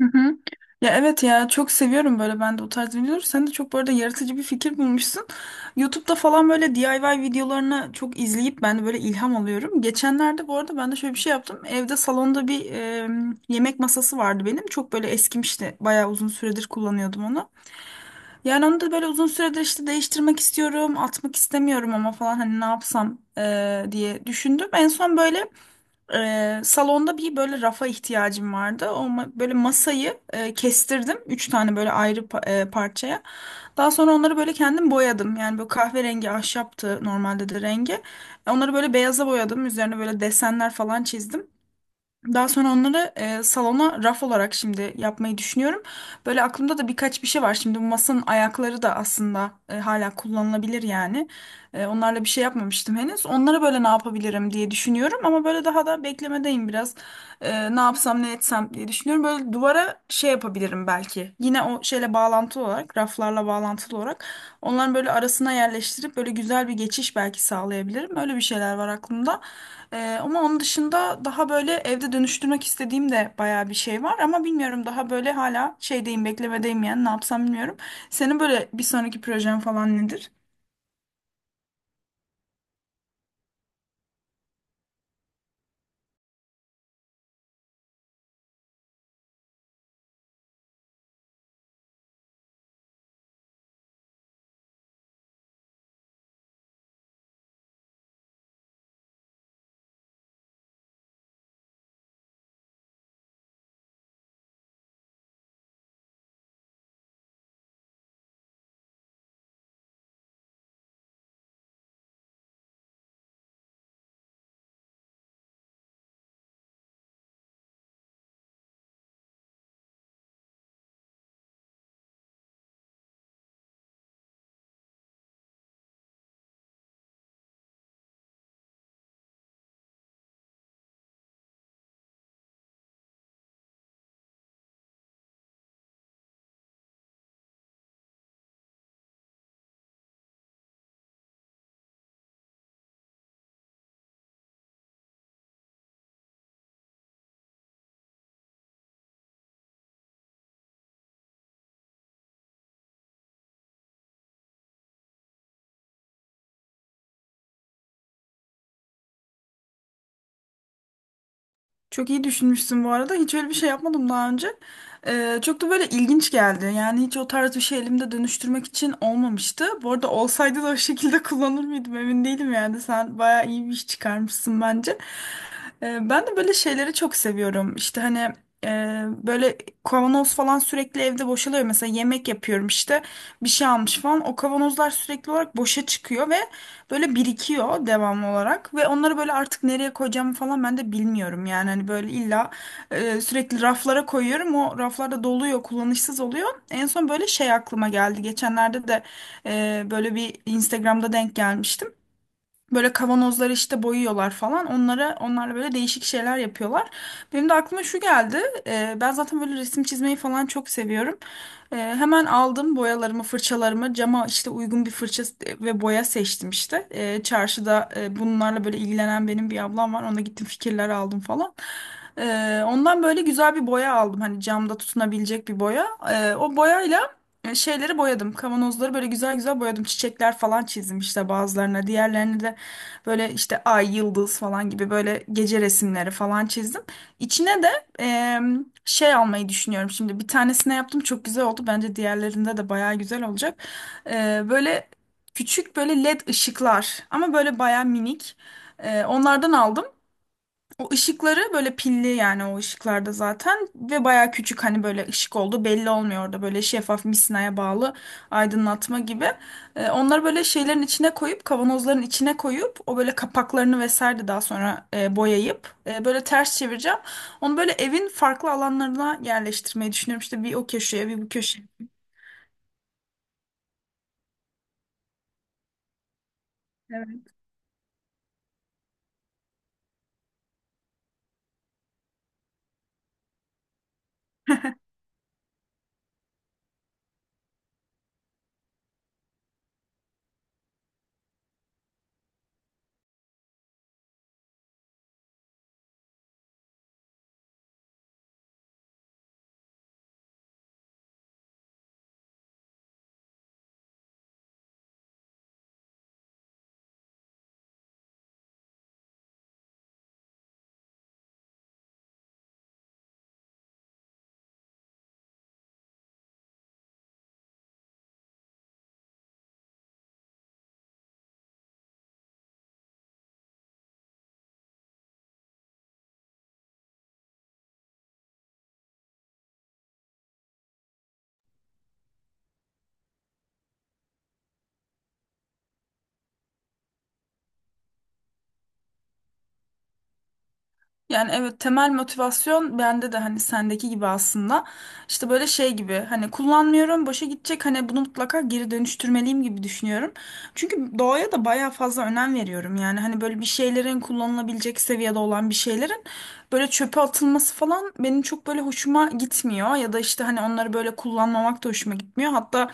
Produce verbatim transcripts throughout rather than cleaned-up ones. Hı hı. Ya evet, ya çok seviyorum böyle ben de o tarz videoları. Sen de çok bu arada yaratıcı bir fikir bulmuşsun. YouTube'da falan böyle D I Y videolarını çok izleyip ben de böyle ilham alıyorum. Geçenlerde bu arada ben de şöyle bir şey yaptım. Evde salonda bir e, yemek masası vardı benim. Çok böyle eskimişti. Bayağı uzun süredir kullanıyordum onu. Yani onu da böyle uzun süredir işte değiştirmek istiyorum, atmak istemiyorum ama falan hani ne yapsam e, diye düşündüm. En son böyle ee, salonda bir böyle rafa ihtiyacım vardı. O ma- böyle masayı e, kestirdim. Üç tane böyle ayrı pa- e, parçaya. Daha sonra onları böyle kendim boyadım. Yani böyle kahverengi ahşaptı normalde de rengi. Onları böyle beyaza boyadım. Üzerine böyle desenler falan çizdim. Daha sonra onları e, salona raf olarak şimdi yapmayı düşünüyorum. Böyle aklımda da birkaç bir şey var. Şimdi bu masanın ayakları da aslında e, hala kullanılabilir yani. E, onlarla bir şey yapmamıştım henüz. Onlara böyle ne yapabilirim diye düşünüyorum. Ama böyle daha da beklemedeyim biraz. E, ne yapsam ne etsem diye düşünüyorum. Böyle duvara şey yapabilirim belki. Yine o şeyle bağlantılı olarak, raflarla bağlantılı olarak. Onların böyle arasına yerleştirip böyle güzel bir geçiş belki sağlayabilirim. Öyle bir şeyler var aklımda. Ee, ama onun dışında daha böyle evde dönüştürmek istediğim de bayağı bir şey var. Ama bilmiyorum, daha böyle hala şeydeyim, beklemedeyim, yani ne yapsam bilmiyorum. Senin böyle bir sonraki projen falan nedir? Çok iyi düşünmüşsün bu arada. Hiç öyle bir şey yapmadım daha önce. Ee, çok da böyle ilginç geldi. Yani hiç o tarz bir şey elimde dönüştürmek için olmamıştı. Bu arada olsaydı da o şekilde kullanır mıydım emin değilim yani. Sen bayağı iyi bir iş çıkarmışsın bence. Ee, ben de böyle şeyleri çok seviyorum. İşte hani e, böyle kavanoz falan sürekli evde boşalıyor. Mesela yemek yapıyorum, işte bir şey almış falan. O kavanozlar sürekli olarak boşa çıkıyor ve böyle birikiyor devamlı olarak, ve onları böyle artık nereye koyacağımı falan ben de bilmiyorum. Yani hani böyle illa e, sürekli raflara koyuyorum. O raflarda doluyor, kullanışsız oluyor. En son böyle şey aklıma geldi. Geçenlerde de e, böyle bir Instagram'da denk gelmiştim. Böyle kavanozları işte boyuyorlar falan. Onlara onlarla böyle değişik şeyler yapıyorlar. Benim de aklıma şu geldi. E, ben zaten böyle resim çizmeyi falan çok seviyorum. E, hemen aldım boyalarımı, fırçalarımı. Cama işte uygun bir fırça ve boya seçtim işte. E, çarşıda e, bunlarla böyle ilgilenen benim bir ablam var. Ona gittim, fikirler aldım falan. E, ondan böyle güzel bir boya aldım. Hani camda tutunabilecek bir boya. E, o boyayla e, şeyleri boyadım. Kavanozları böyle güzel güzel boyadım. Çiçekler falan çizdim işte bazılarına. Diğerlerini de böyle işte ay, yıldız falan gibi böyle gece resimleri falan çizdim. İçine de e, şey almayı düşünüyorum şimdi. Bir tanesine yaptım, çok güzel oldu. Bence diğerlerinde de bayağı güzel olacak. E, böyle küçük böyle led ışıklar, ama böyle bayağı minik. E, onlardan aldım. O ışıkları böyle pilli, yani o ışıklarda zaten, ve baya küçük hani, böyle ışık oldu, belli olmuyor orada, böyle şeffaf misinaya bağlı aydınlatma gibi. Ee, onları böyle şeylerin içine koyup, kavanozların içine koyup, o böyle kapaklarını vesaire de daha sonra e, boyayıp e, böyle ters çevireceğim. Onu böyle evin farklı alanlarına yerleştirmeyi düşünüyorum, işte bir o köşeye, bir bu köşeye. Evet. Yani evet, temel motivasyon bende de hani sendeki gibi aslında. İşte böyle şey gibi hani kullanmıyorum, boşa gidecek, hani bunu mutlaka geri dönüştürmeliyim gibi düşünüyorum. Çünkü doğaya da bayağı fazla önem veriyorum. Yani hani böyle bir şeylerin, kullanılabilecek seviyede olan bir şeylerin böyle çöpe atılması falan benim çok böyle hoşuma gitmiyor. Ya da işte hani onları böyle kullanmamak da hoşuma gitmiyor. Hatta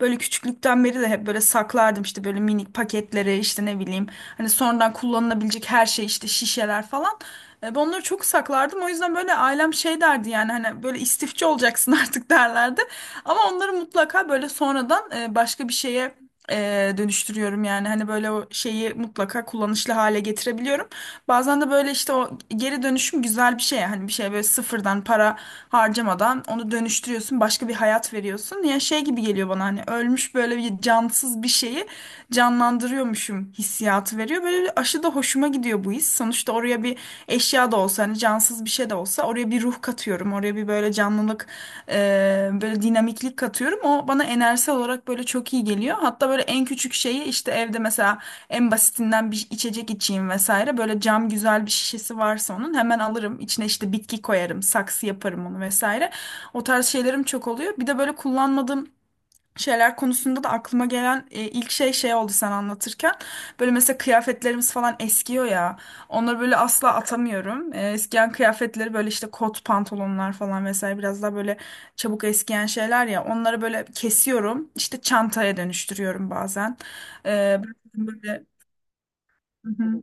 böyle küçüklükten beri de hep böyle saklardım işte böyle minik paketleri, işte ne bileyim, hani sonradan kullanılabilecek her şey, işte şişeler falan. E, Ben onları çok saklardım. O yüzden böyle ailem şey derdi, yani hani böyle istifçi olacaksın artık derlerdi. Ama onları mutlaka böyle sonradan e, başka bir şeye e, dönüştürüyorum, yani hani böyle o şeyi mutlaka kullanışlı hale getirebiliyorum. Bazen de böyle işte o geri dönüşüm güzel bir şey. Hani bir şey böyle sıfırdan para harcamadan onu dönüştürüyorsun, başka bir hayat veriyorsun. Ya şey gibi geliyor bana, hani ölmüş böyle bir cansız bir şeyi canlandırıyormuşum hissiyatı veriyor. Böyle bir aşı da hoşuma gidiyor bu his. Sonuçta oraya bir eşya da olsa, hani cansız alakasız bir şey de olsa, oraya bir ruh katıyorum. Oraya bir böyle canlılık, e, böyle dinamiklik katıyorum. O bana enerjisel olarak böyle çok iyi geliyor. Hatta böyle en küçük şeyi işte evde mesela, en basitinden bir içecek içeyim vesaire. Böyle cam güzel bir şişesi varsa onun hemen alırım. İçine işte bitki koyarım, saksı yaparım onu vesaire. O tarz şeylerim çok oluyor. Bir de böyle kullanmadığım şeyler konusunda da aklıma gelen e, ilk şey şey oldu sen anlatırken. Böyle mesela kıyafetlerimiz falan eskiyor ya. Onları böyle asla atamıyorum. E, eskiyen kıyafetleri böyle işte kot pantolonlar falan vesaire, biraz daha böyle çabuk eskiyen şeyler ya. Onları böyle kesiyorum. İşte çantaya dönüştürüyorum bazen. E, Böyle... Hı hı.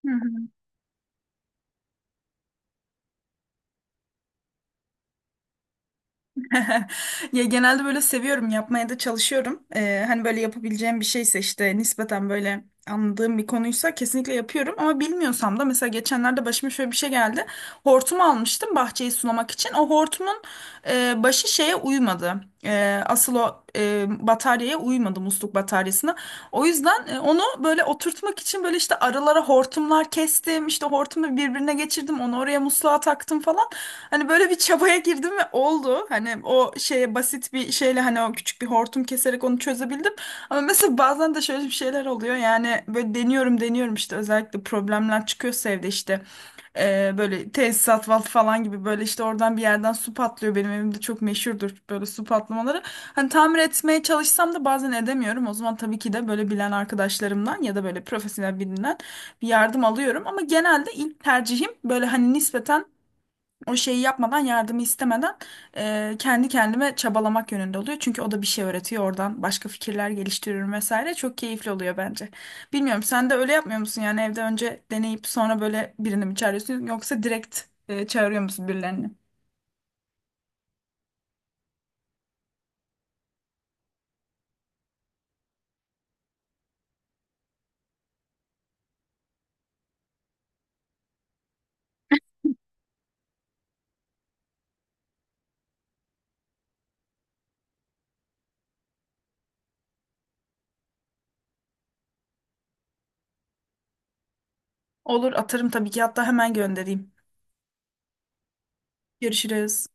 Hı hı. Ya genelde böyle seviyorum, yapmaya da çalışıyorum. Ee, hani böyle yapabileceğim bir şeyse, işte nispeten böyle anladığım bir konuysa, kesinlikle yapıyorum. Ama bilmiyorsam da mesela geçenlerde başıma şöyle bir şey geldi. Hortum almıştım bahçeyi sulamak için. O hortumun e, başı şeye uymadı. E, asıl o e, bataryaya uymadı, musluk bataryasına. O yüzden e, onu böyle oturtmak için böyle işte aralara hortumlar kestim. İşte hortumu birbirine geçirdim. Onu oraya musluğa taktım falan. Hani böyle bir çabaya girdim ve oldu. Hani o şeye basit bir şeyle, hani o küçük bir hortum keserek onu çözebildim. Ama mesela bazen de şöyle bir şeyler oluyor. Yani böyle deniyorum deniyorum işte, özellikle problemler çıkıyorsa evde işte. Ee, böyle tesisat vat falan gibi böyle, işte oradan bir yerden su patlıyor. Benim evimde çok meşhurdur böyle su patlamaları. Hani tamir etmeye çalışsam da bazen edemiyorum. O zaman tabii ki de böyle bilen arkadaşlarımdan ya da böyle profesyonel birinden bir yardım alıyorum. Ama genelde ilk tercihim böyle hani nispeten, o şeyi yapmadan, yardımı istemeden, e, kendi kendime çabalamak yönünde oluyor. Çünkü o da bir şey öğretiyor, oradan başka fikirler geliştiriyorum vesaire, çok keyifli oluyor bence. Bilmiyorum, sen de öyle yapmıyor musun, yani evde önce deneyip sonra böyle birini mi çağırıyorsun, yoksa direkt e, çağırıyor musun birilerini? Olur, atarım tabii ki, hatta hemen göndereyim. Görüşürüz.